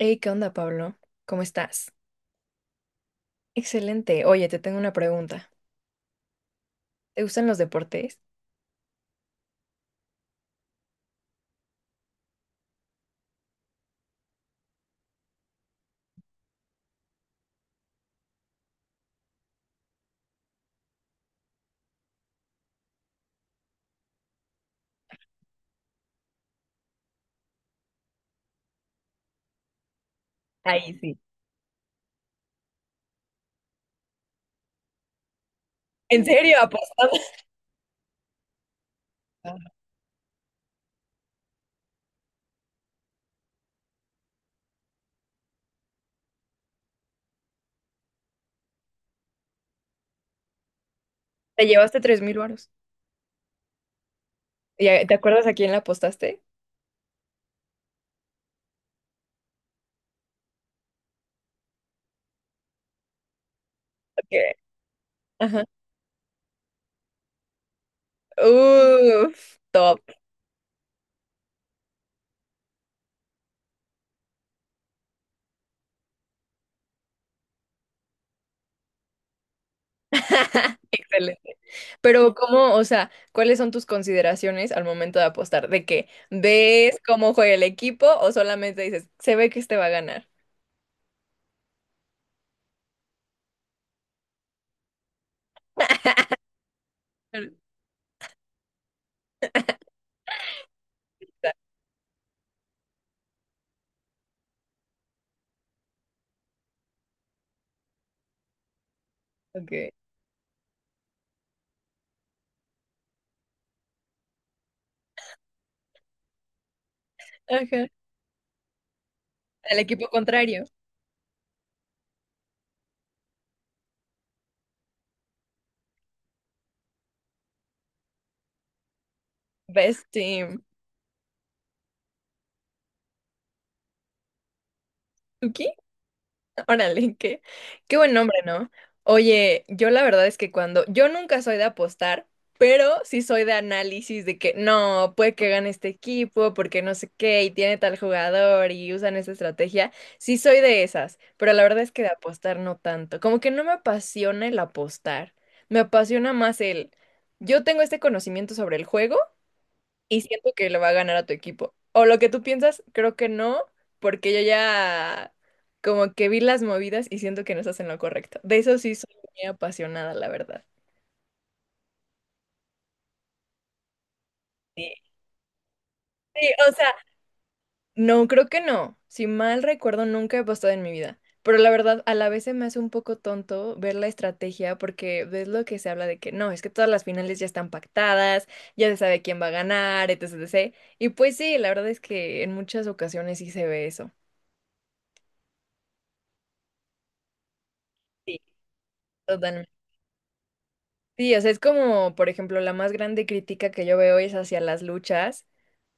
Hey, ¿qué onda, Pablo? ¿Cómo estás? Excelente. Oye, te tengo una pregunta. ¿Te gustan los deportes? Ahí sí. ¿En serio? ¿Apostaste? ¿Te llevaste 3,000 varos? ¿Te acuerdas a quién la apostaste? Ok. Ajá. Uf, top. Excelente. Pero ¿cómo, o sea, cuáles son tus consideraciones al momento de apostar? ¿De qué? ¿Ves cómo juega el equipo o solamente dices, se ve que este va a ganar? Claro. Ok. Ajá. El equipo contrario. Best team. ¿Tú Órale, qué buen nombre, ¿no? Oye, yo la verdad es que cuando, yo nunca soy de apostar, pero sí soy de análisis de que no, puede que gane este equipo porque no sé qué y tiene tal jugador y usan esa estrategia. Sí soy de esas, pero la verdad es que de apostar no tanto. Como que no me apasiona el apostar, me apasiona más el, yo tengo este conocimiento sobre el juego y siento que le va a ganar a tu equipo. O lo que tú piensas, creo que no, porque yo ya como que vi las movidas y siento que no estás en lo correcto. De eso sí soy muy apasionada, la verdad. Sí, sí, o sea, no, creo que no. Si mal recuerdo, nunca he apostado en mi vida. Pero la verdad, a la vez se me hace un poco tonto ver la estrategia porque ves lo que se habla de que no, es que todas las finales ya están pactadas, ya se sabe quién va a ganar, etc, etcétera. Y pues sí, la verdad es que en muchas ocasiones sí se ve eso. Sí. Sí, o sea, es como, por ejemplo, la más grande crítica que yo veo es hacia las luchas,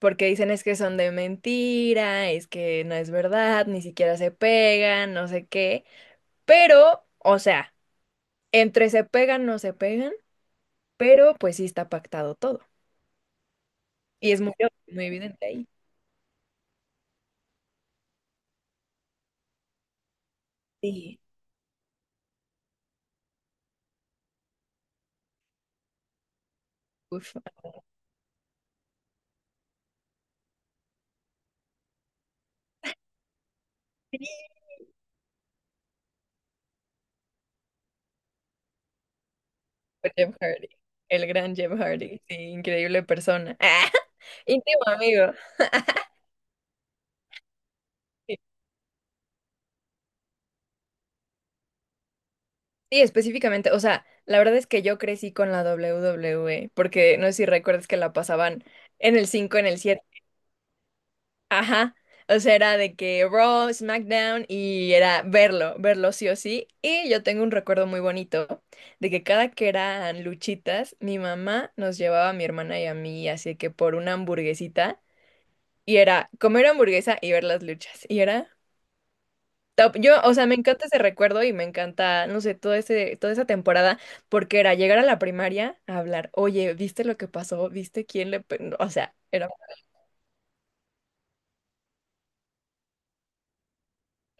porque dicen es que son de mentira, es que no es verdad, ni siquiera se pegan, no sé qué. Pero, o sea, entre se pegan, no se pegan, pero pues sí está pactado todo. Y es muy, muy evidente ahí. Sí. Uf. Sí, con Jeff Hardy, el gran Jeff Hardy, sí, increíble persona. Íntimo amigo. Sí, específicamente, o sea, la verdad es que yo crecí con la WWE, porque no sé si recuerdas que la pasaban en el 5, en el 7, ajá, o sea, era de que Raw, SmackDown y era verlo, sí o sí, y yo tengo un recuerdo muy bonito de que cada que eran luchitas, mi mamá nos llevaba a mi hermana y a mí, así que por una hamburguesita, y era comer hamburguesa y ver las luchas, y era top. Yo, o sea, me encanta ese recuerdo y me encanta, no sé, toda esa temporada, porque era llegar a la primaria a hablar, oye, ¿viste lo que pasó? ¿Viste quién le...? O sea,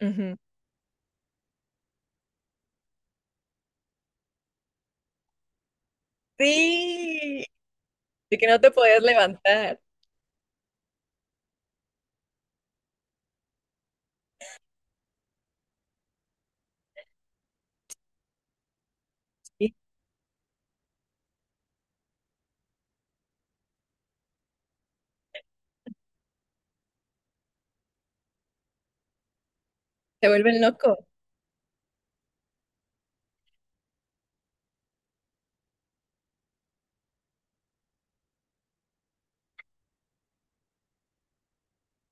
ujú. Sí, de que no te podías levantar. Sí, se vuelven locos.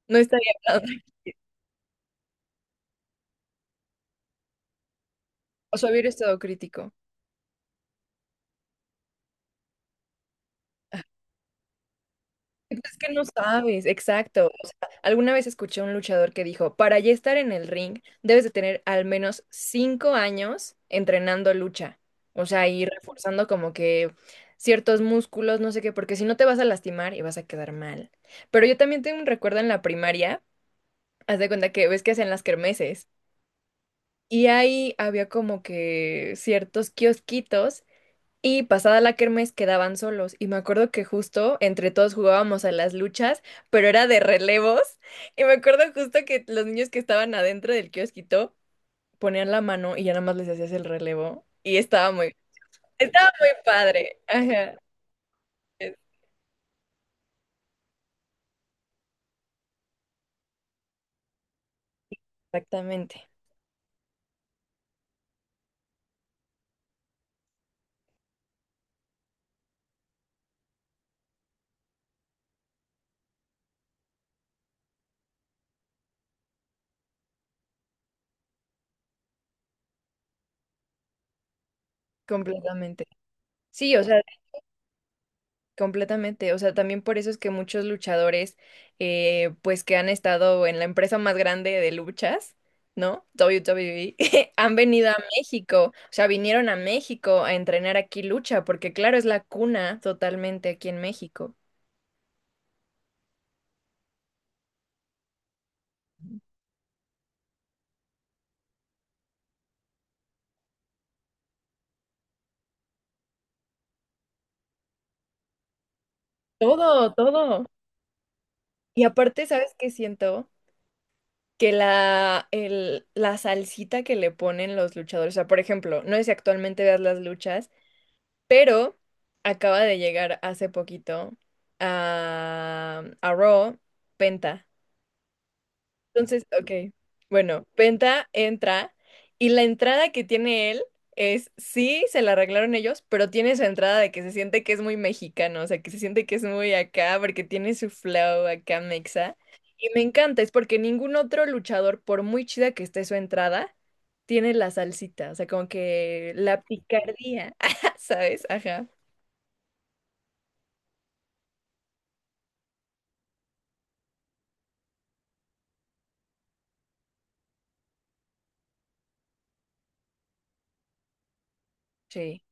No estaría hablando. O sea, hubiera estado crítico. Pues es que no sabes, exacto. O sea, alguna vez escuché a un luchador que dijo, para ya estar en el ring, debes de tener al menos 5 años entrenando lucha. O sea, y reforzando como que ciertos músculos, no sé qué, porque si no te vas a lastimar y vas a quedar mal. Pero yo también tengo un recuerdo en la primaria, haz de cuenta que ves que hacen las kermeses. Y ahí había como que ciertos kiosquitos y pasada la kermés quedaban solos. Y me acuerdo que justo entre todos jugábamos a las luchas, pero era de relevos. Y me acuerdo justo que los niños que estaban adentro del kiosquito ponían la mano y ya nada más les hacías el relevo. Y estaba muy padre. Ajá. Exactamente. Completamente. Sí, o sea, completamente, o sea, también por eso es que muchos luchadores, pues que han estado en la empresa más grande de luchas, ¿no? WWE, han venido a México, o sea, vinieron a México a entrenar aquí lucha, porque claro, es la cuna totalmente aquí en México. Todo, todo. Y aparte, ¿sabes qué siento? Que la salsita que le ponen los luchadores, o sea, por ejemplo, no sé si actualmente veas las luchas. Pero acaba de llegar hace poquito a Raw Penta. Entonces, ok, bueno, Penta entra y la entrada que tiene él es, sí, se la arreglaron ellos, pero tiene su entrada de que se siente que es muy mexicano, o sea, que se siente que es muy acá porque tiene su flow acá mexa. Y me encanta, es porque ningún otro luchador, por muy chida que esté su entrada, tiene la salsita, o sea, como que la picardía, ¿sabes? Ajá. Sí.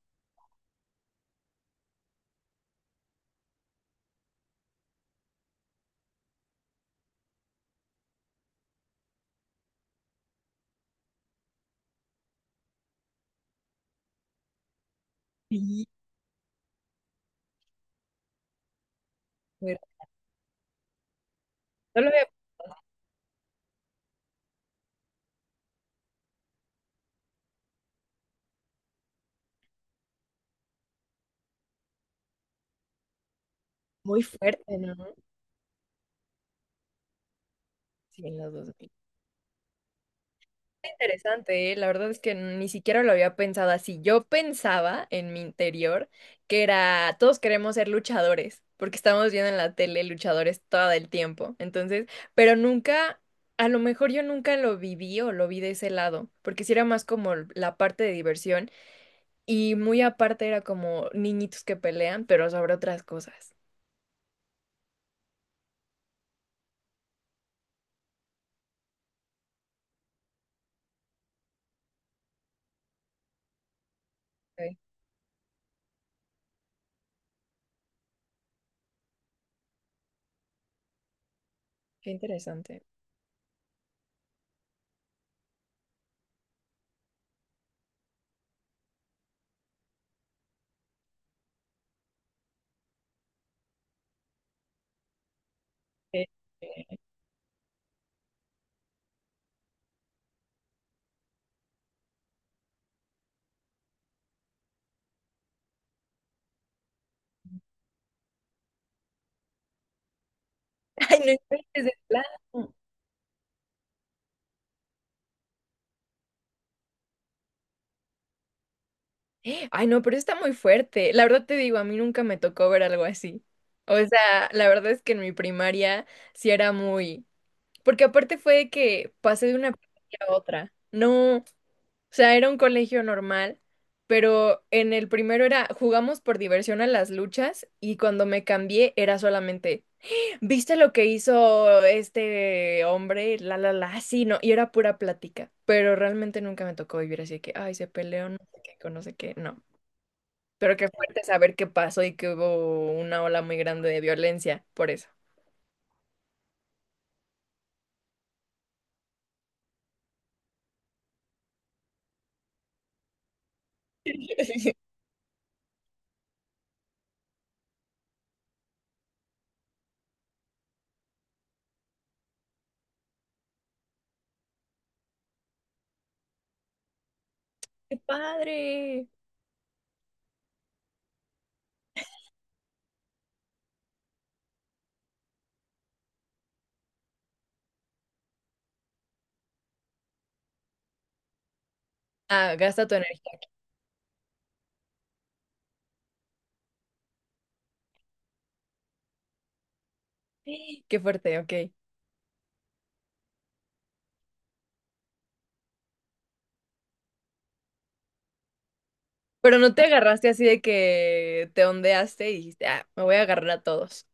Sí, fuerte. No lo veo muy fuerte, ¿no? Sí, en los 2000. Interesante, ¿eh? La verdad es que ni siquiera lo había pensado así. Yo pensaba en mi interior que era, todos queremos ser luchadores, porque estamos viendo en la tele luchadores todo el tiempo. Entonces, pero nunca, a lo mejor yo nunca lo viví o lo vi de ese lado, porque si era más como la parte de diversión y muy aparte era como niñitos que pelean, pero sobre otras cosas. Ok. Qué interesante. Ay, no inventes de plano. Ay, no, pero está muy fuerte. La verdad te digo, a mí nunca me tocó ver algo así. O sea, la verdad es que en mi primaria sí era muy... Porque aparte fue de que pasé de una primaria a otra. No, o sea, era un colegio normal, pero en el primero era jugamos por diversión a las luchas y cuando me cambié era solamente. ¿Viste lo que hizo este hombre? La, ah, sí, no, y era pura plática, pero realmente nunca me tocó vivir así de que, ay, se peleó, no sé qué, con no sé qué, no. Pero qué fuerte saber qué pasó y que hubo una ola muy grande de violencia, por eso. ¡Qué padre! Ah, gasta tu energía. Qué fuerte, ok. Pero no te agarraste así de que te ondeaste y dijiste, ah, me voy a agarrar a todos.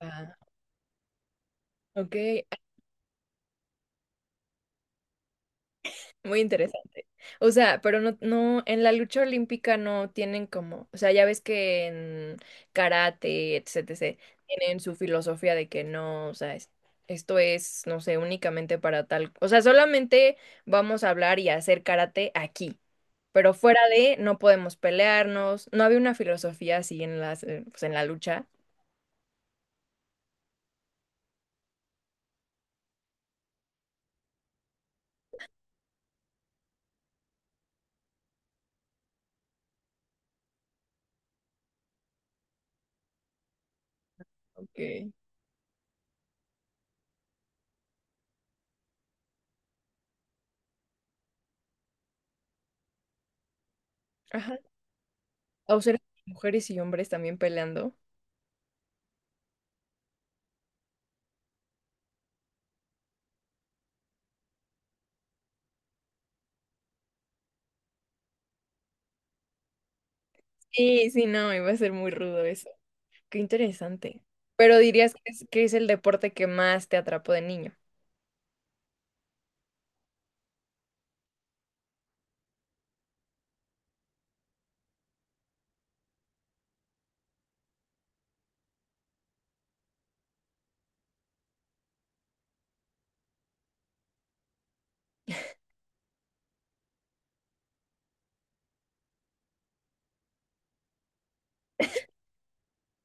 Ah, ok. Muy interesante. O sea, pero no, no, en la lucha olímpica no tienen como, o sea, ya ves que en karate, etcétera, tienen su filosofía de que no, o sea, esto es, no sé, únicamente para tal, o sea, solamente vamos a hablar y a hacer karate aquí, pero fuera de, no podemos pelearnos, no había una filosofía así en las, pues en la lucha. Ok. Ajá. O sea, mujeres y hombres también peleando. Sí, sí, no, iba a ser muy rudo eso. Qué interesante. Pero dirías que es el deporte que más te atrapó de niño.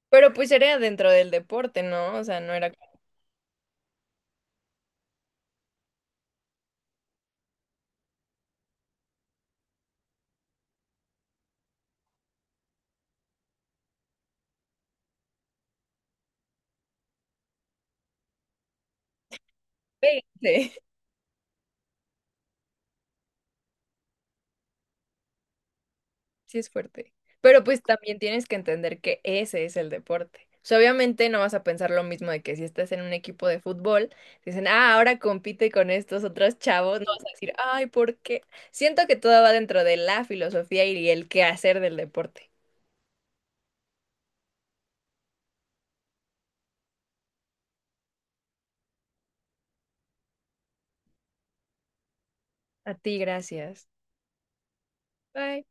Pero pues era dentro del deporte, ¿no? O sea, no era como, "Vente". Sí es fuerte. Pero pues también tienes que entender que ese es el deporte. O sea, obviamente no vas a pensar lo mismo de que si estás en un equipo de fútbol, dicen, ah, ahora compite con estos otros chavos, no vas a decir, ay, ¿por qué? Siento que todo va dentro de la filosofía y el quehacer del deporte. A ti, gracias. Bye.